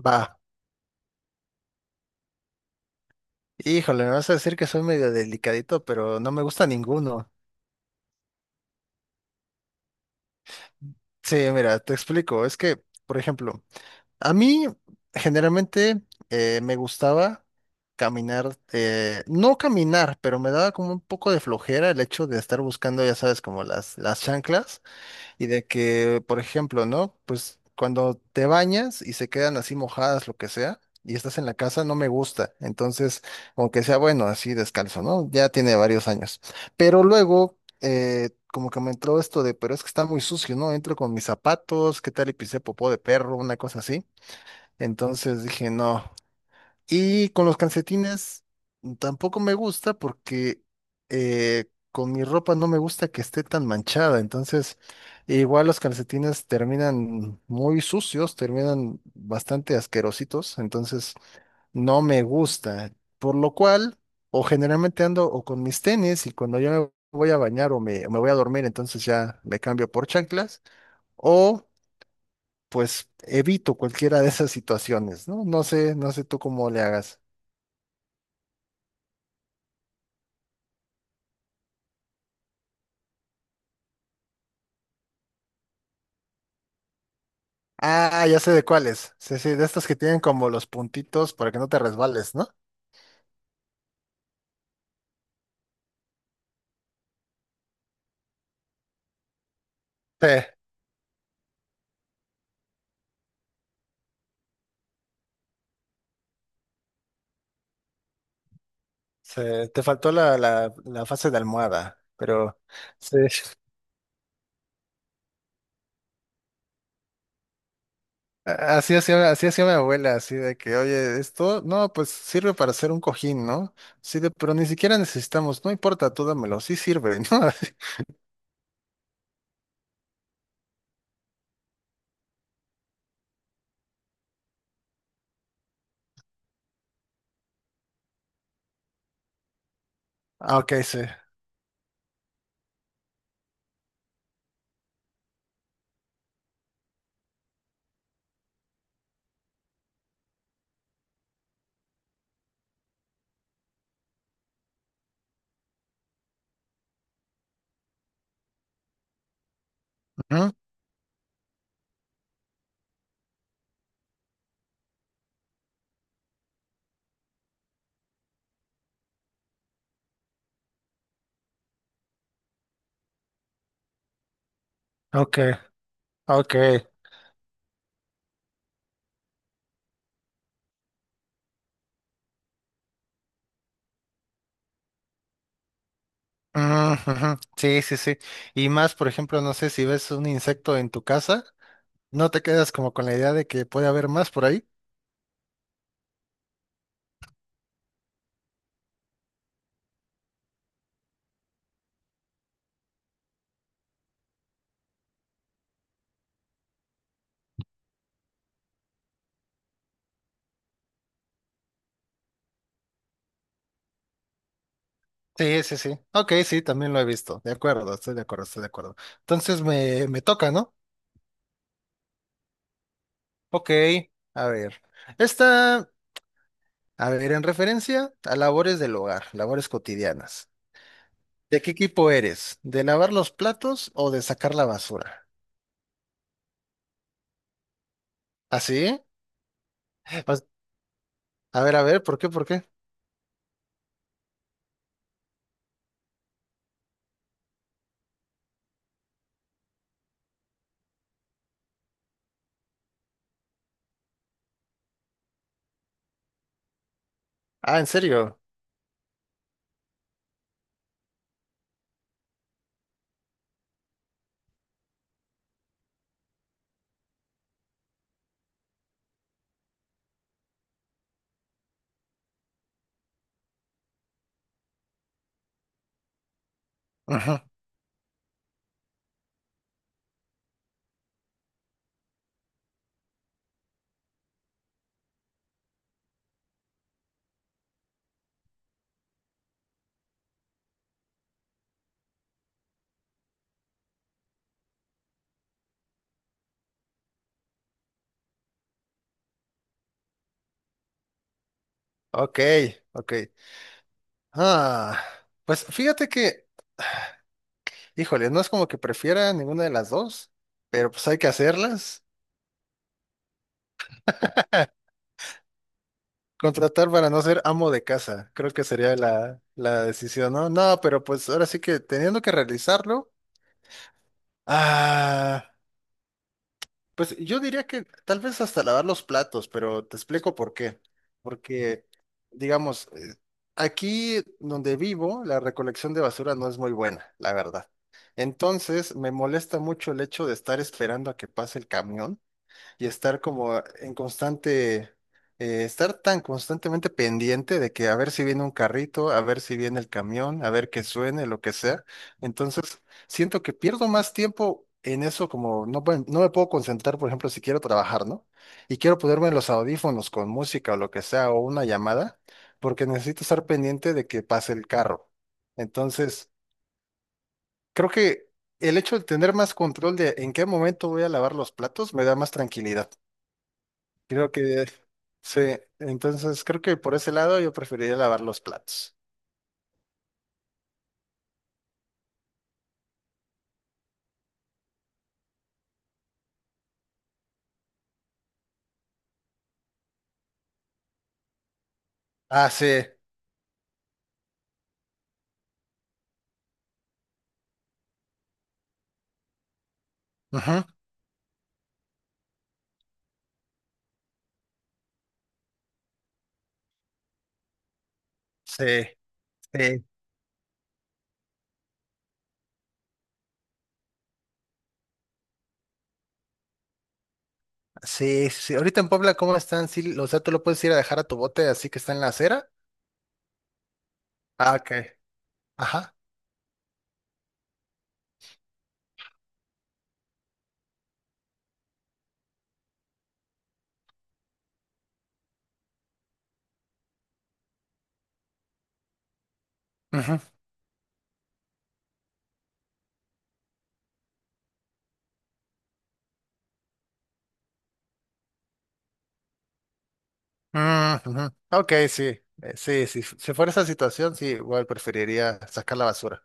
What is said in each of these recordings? Va. Híjole, me vas a decir que soy medio delicadito, pero no me gusta ninguno. Sí, mira, te explico. Es que, por ejemplo, a mí generalmente me gustaba caminar, no caminar, pero me daba como un poco de flojera el hecho de estar buscando, ya sabes, como las chanclas. Y de que, por ejemplo, ¿no? Pues cuando te bañas y se quedan así mojadas, lo que sea, y estás en la casa, no me gusta. Entonces, aunque sea bueno, así descalzo, ¿no? Ya tiene varios años. Pero luego, como que me entró esto de, pero es que está muy sucio, ¿no? Entro con mis zapatos, ¿qué tal? Y pisé popó de perro, una cosa así. Entonces dije, no, y con los calcetines tampoco me gusta porque eh, con mi ropa no me gusta que esté tan manchada. Entonces, igual los calcetines terminan muy sucios, terminan bastante asquerositos. Entonces, no me gusta. Por lo cual, o generalmente ando o con mis tenis y cuando yo me voy a bañar o me voy a dormir, entonces ya me cambio por chanclas. O pues evito cualquiera de esas situaciones, ¿no? No sé, no sé tú cómo le hagas. Ah, ya sé de cuáles. Sí, sí, de estos que tienen como los puntitos para que no te resbales, ¿no? Sí, sí, te faltó la fase de almohada, pero sí. Así hacía mi abuela, así de que, oye, esto, no, pues sirve para hacer un cojín, ¿no? Sí, de, pero ni siquiera necesitamos, no importa, tú dámelo, sí sirve, ¿no? Ah, ok, sí. Ujú. Ok, ok. Ujú, ujú. Sí, sí, sí. Y más, por ejemplo, no sé si ves un insecto en tu casa. ¿No te quedas como con la idea de que puede haber más por ahí? Sí, sí, sí. Ok, sí, también lo he visto. De acuerdo, estoy de acuerdo, estoy de acuerdo. Entonces me toca, ¿no? Ok, a ver. Esta, a ver, en referencia a labores del hogar, labores cotidianas. ¿De qué equipo eres? ¿De lavar los platos o de sacar la basura? ¿Así? A ver, a ver, ¿por qué, por qué? Ah, ¿en serio? Ujú. Ok, ok. Ah, pues fíjate que híjole, no es como que prefiera ninguna de las dos, pero pues hay que hacerlas. Contratar para no ser amo de casa, creo que sería la decisión, ¿no? No, pero pues ahora sí que teniendo que realizarlo, ah, pues yo diría que tal vez hasta lavar los platos, pero te explico por qué. Porque, digamos, aquí donde vivo, la recolección de basura no es muy buena, la verdad. Entonces, me molesta mucho el hecho de estar esperando a que pase el camión y estar como en constante, estar tan constantemente pendiente de que a ver si viene un carrito, a ver si viene el camión, a ver que suene, lo que sea. Entonces, siento que pierdo más tiempo en eso, como no, no me puedo concentrar, por ejemplo, si quiero trabajar, ¿no? Y quiero ponerme los audífonos con música o lo que sea, o una llamada, porque necesito estar pendiente de que pase el carro. Entonces, creo que el hecho de tener más control de en qué momento voy a lavar los platos me da más tranquilidad. Creo que sí. Entonces, creo que por ese lado yo preferiría lavar los platos. Ah, sí. Ujú. Sí, sí, sí, sí. Ahorita en Puebla, ¿cómo están? Sí, o sea, tú lo puedes ir a dejar a tu bote así que está en la acera. Ah, ok. Ajá. Ujú. Mm, ujú. Ok, sí. Sí, sí. Si fuera esa situación, sí, igual preferiría sacar la basura,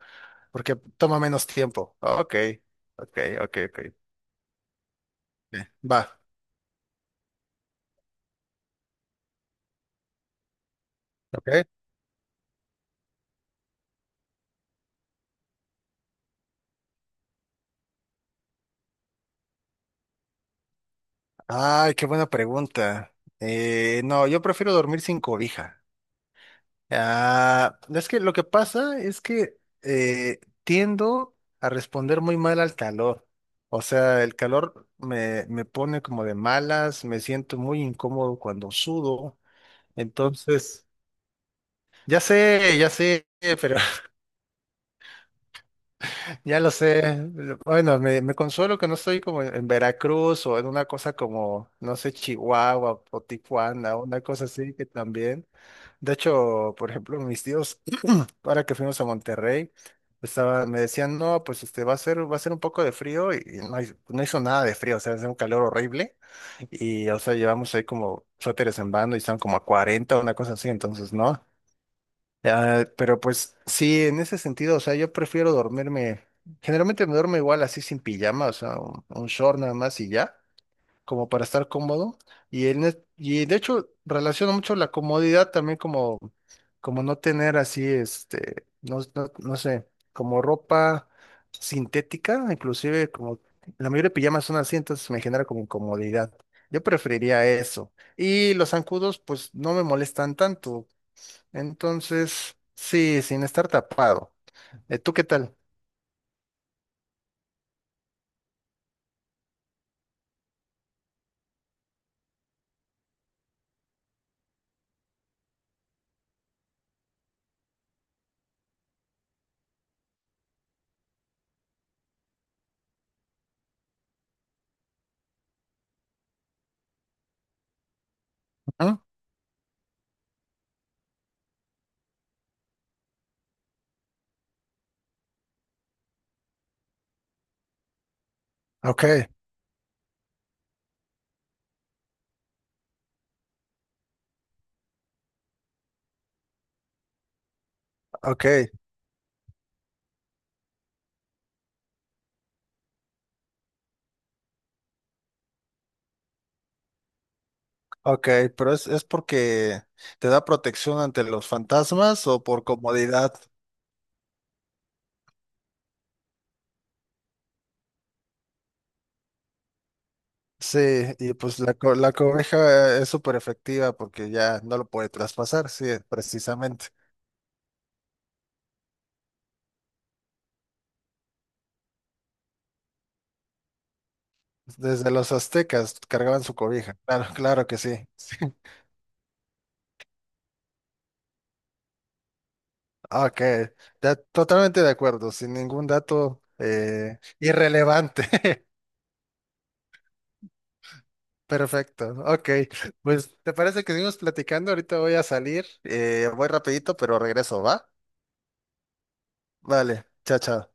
porque toma menos tiempo. Ok, ok, ok, ok. Sí. Va. Ok. Ay, qué buena pregunta. No, yo prefiero dormir sin cobija. Ah, es que lo que pasa es que tiendo a responder muy mal al calor. O sea, el calor me pone como de malas, me siento muy incómodo cuando sudo. Entonces, ya sé, pero ya lo sé. Bueno, me consuelo que no estoy como en Veracruz o en una cosa como, no sé, Chihuahua o Tijuana, una cosa así que también. De hecho, por ejemplo, mis tíos, ahora que fuimos a Monterrey, estaba, me decían, no, pues este va a ser un poco de frío y no, no hizo nada de frío, o sea, hace un calor horrible. Y, o sea, llevamos ahí como suéteres en bando y estaban como a 40 una cosa así, entonces, ¿no? Ah, pero pues sí, en ese sentido, o sea, yo prefiero dormirme, generalmente me duermo igual así sin pijama, o sea, un short nada más y ya, como para estar cómodo. Y, y de hecho relaciono mucho la comodidad también como, como no tener así, este, no, no, no sé, como ropa sintética, inclusive como la mayoría de pijamas son así, entonces me genera como incomodidad. Yo preferiría eso. Y los zancudos, pues no me molestan tanto. Entonces, sí, sin estar tapado. ¿Tú qué tal? ¿Ah? Ok, ok, ok, pero es porque te da protección ante los fantasmas o por comodidad. Sí, y pues la cobeja es súper efectiva porque ya no lo puede traspasar, sí, precisamente. Desde los aztecas cargaban su cobija. Claro, claro que sí. Ok, totalmente de acuerdo, sin ningún dato irrelevante. Perfecto, ok. Pues, ¿te parece que seguimos platicando? Ahorita voy a salir, voy rapidito, pero regreso, ¿va? Vale, chao, chao.